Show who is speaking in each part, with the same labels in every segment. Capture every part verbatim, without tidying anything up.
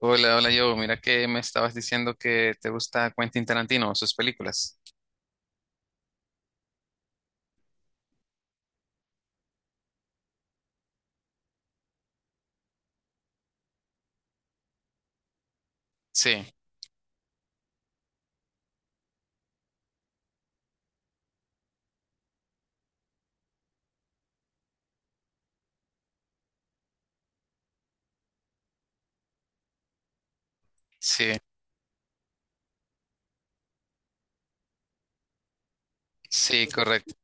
Speaker 1: Hola, hola, yo. Mira que me estabas diciendo que te gusta Quentin Tarantino, sus películas. Sí, sí, sí, correcto.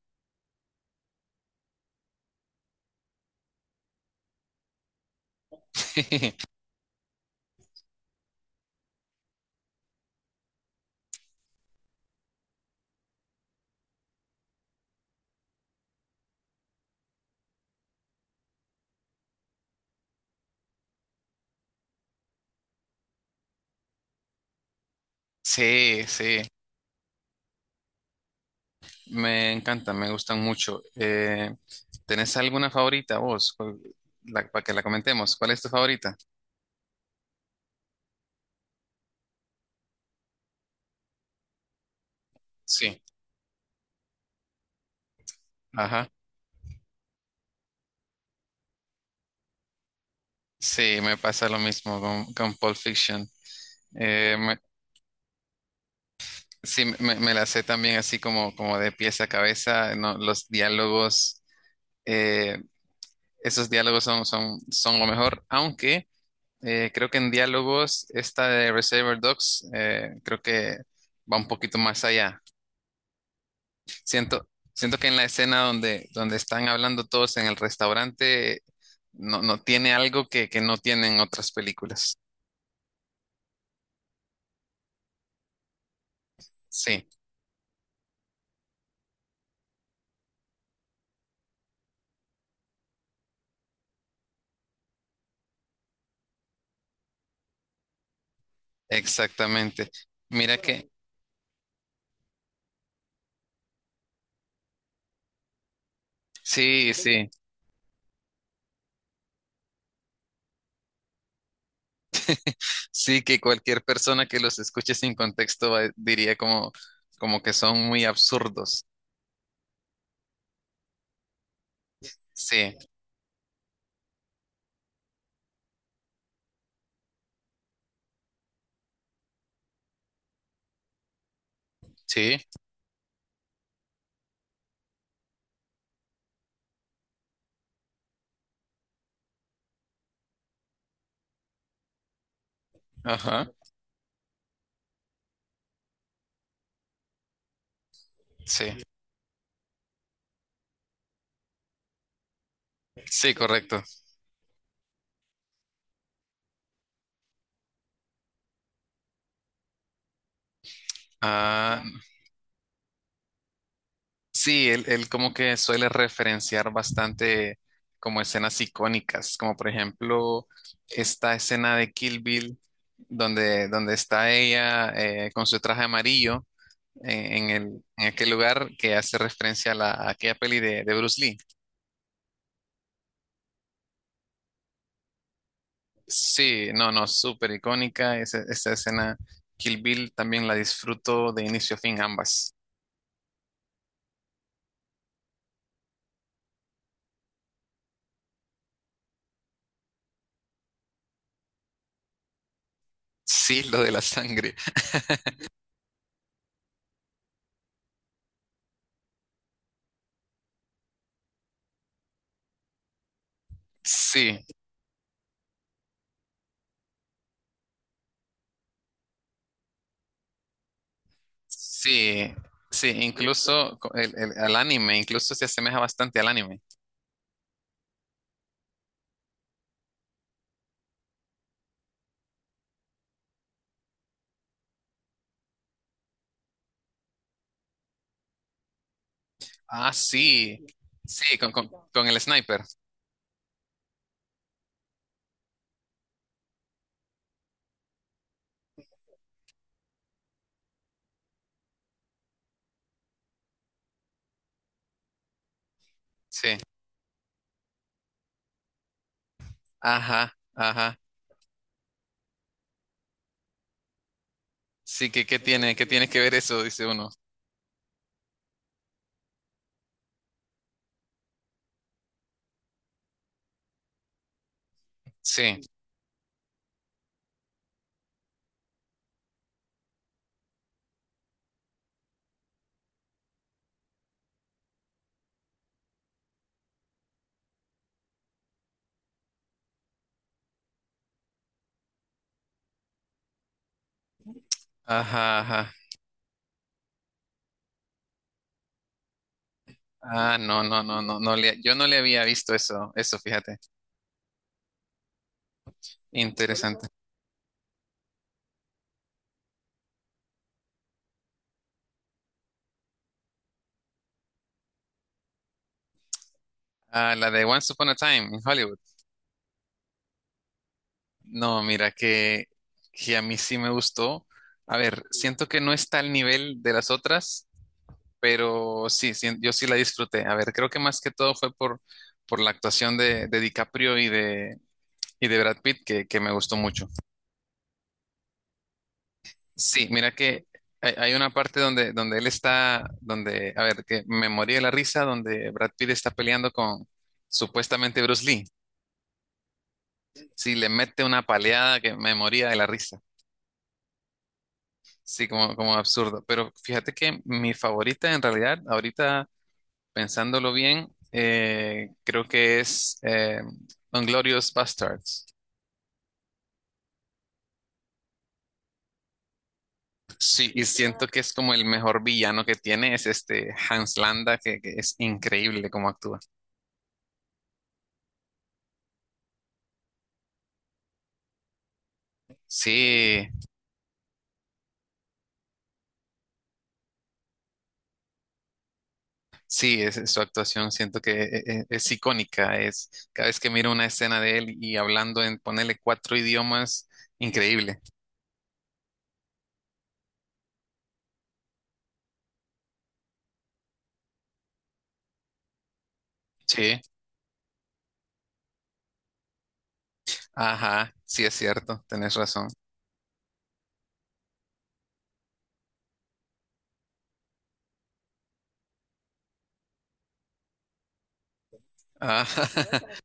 Speaker 1: Sí, sí, me encanta, me gustan mucho. Eh, ¿tenés alguna favorita vos? ¿Cuál- la- ¿para que la comentemos? ¿Cuál es tu favorita? Sí, ajá. Sí, me pasa lo mismo con, con Pulp Fiction. Eh, me- sí, me, me la sé también así como, como de pies a cabeza, no, los diálogos. eh, Esos diálogos son, son, son lo mejor, aunque eh, creo que en diálogos esta de Reservoir Dogs eh, creo que va un poquito más allá. Siento, siento que en la escena donde, donde están hablando todos en el restaurante no, no tiene algo que, que no tienen otras películas. Sí, exactamente. Mira que, sí, sí, sí que cualquier persona que los escuche sin contexto va- diría como, como que son muy absurdos. Sí, sí, ajá, sí. Sí, correcto. Ah, sí, él, él como que suele referenciar bastante como escenas icónicas, como por ejemplo esta escena de Kill Bill, donde, donde está ella eh, con su traje amarillo eh, en el, en aquel lugar que hace referencia a, la, a aquella peli de, de Bruce Lee. Sí, no, no, súper icónica esa, esa escena. Kill Bill también la disfruto de inicio a fin ambas. Sí, lo de la sangre. Sí, sí, sí, incluso co- el, el- al anime, incluso se asemeja bastante al anime. Ah, sí, sí, con, con, con el sniper, sí. Ajá, ajá. Sí, ¿que qué tiene, qué tiene que ver eso? Dice uno. Sí, ajá, ajá. Ah, no, no, no, no, no le, yo no le había visto eso, eso, fíjate. Interesante. Ah, la de Once Upon a Time en Hollywood. No, mira, que, que a mí sí me gustó. A ver, siento que no está al nivel de las otras, pero sí, sí, yo sí la disfruté. A ver, creo que más que todo fue por, por la actuación de, de DiCaprio y de, y de Brad Pitt que, que me gustó mucho. Sí, mira que hay, hay una parte donde, donde él está, donde, a ver, que me morí de la risa, donde Brad Pitt está peleando con supuestamente Bruce Lee. Sí, le mete una paleada que me moría de la risa. Sí, como, como absurdo. Pero fíjate que mi favorita en realidad, ahorita... pensándolo bien, eh, creo que es eh, Inglorious Bastards. Sí, y siento que es como el mejor villano que tiene, es este Hans Landa, que, que es increíble cómo actúa. Sí, sí, es, su actuación siento que e- e- es icónica, es cada vez que miro una escena de él y hablando en ponerle cuatro idiomas, increíble. Sí, ajá, sí es cierto, tenés razón. Ah,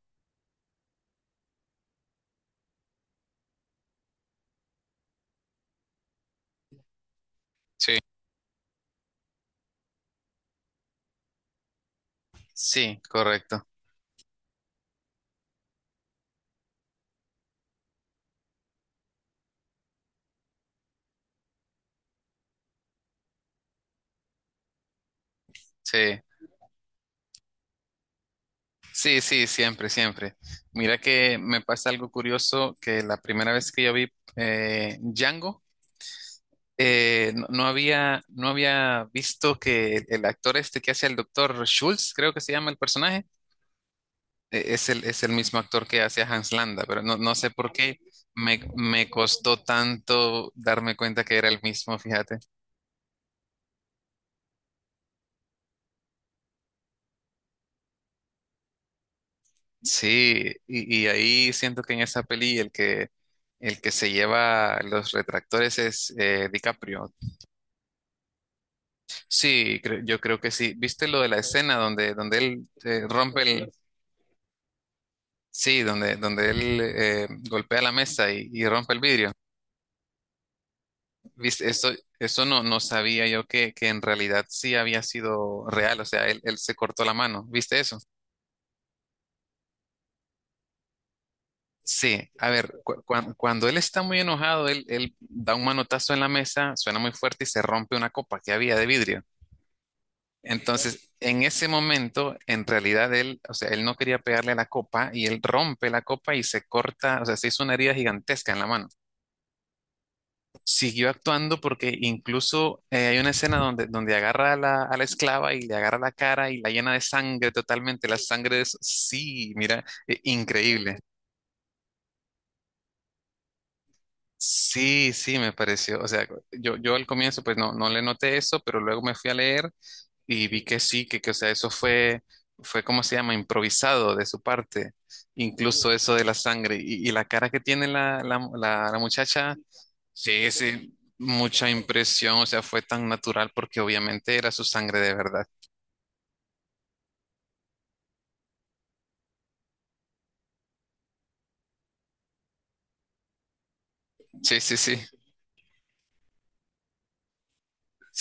Speaker 1: sí, sí, correcto, sí. Sí, sí, siempre, siempre. Mira que me pasa algo curioso que la primera vez que yo vi eh, Django, eh, no, no había, no había visto que el, el actor este que hace el doctor Schultz, creo que se llama el personaje, eh, es el, es el mismo actor que hace a Hans Landa, pero no, no sé por qué me, me costó tanto darme cuenta que era el mismo, fíjate. Sí, y, y ahí siento que en esa peli el que, el que se lleva los retractores es eh, DiCaprio. Sí, cre- yo creo que sí. ¿Viste lo de la escena donde, donde él eh, rompe el... Sí, donde, donde él eh, golpea la mesa y, y rompe el vidrio? ¿Viste? Eso, eso no, no sabía yo que, que en realidad sí había sido real. O sea, él, él se cortó la mano. ¿Viste eso? Sí, a ver, cu- cuan- cuando él está muy enojado, él, él da un manotazo en la mesa, suena muy fuerte y se rompe una copa que había de vidrio. Entonces, en ese momento, en realidad él, o sea, él no quería pegarle a la copa y él rompe la copa y se corta, o sea, se hizo una herida gigantesca en la mano. Siguió actuando porque incluso eh, hay una escena donde, donde agarra a la, a la esclava y le agarra la cara y la llena de sangre totalmente. La sangre es, sí, mira, eh, increíble. Sí, sí, me pareció. O sea, yo, yo al comienzo pues no, no le noté eso, pero luego me fui a leer y vi que sí, que, que, o sea, eso fue, fue, ¿cómo se llama? Improvisado de su parte. Incluso eso de la sangre. Y, y la cara que tiene la, la, la, la muchacha, sí, sí, mucha impresión. O sea, fue tan natural porque obviamente era su sangre de verdad. Sí, sí, sí.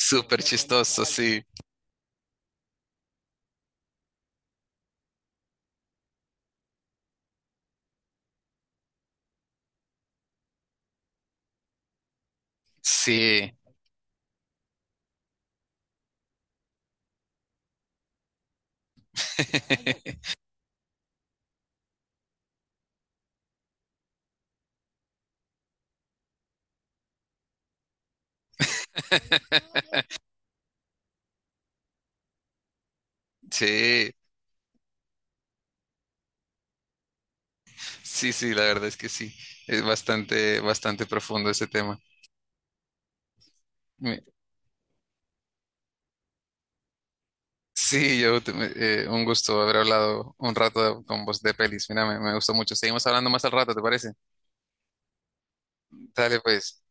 Speaker 1: Súper chistoso, sí. Sí. Sí, sí, sí, la verdad es que sí. Es bastante, bastante profundo ese tema. Sí, yo te- me- eh, un gusto haber hablado un rato con vos de pelis. Mira, me, me gustó mucho. Seguimos hablando más al rato, ¿te parece? Dale, pues.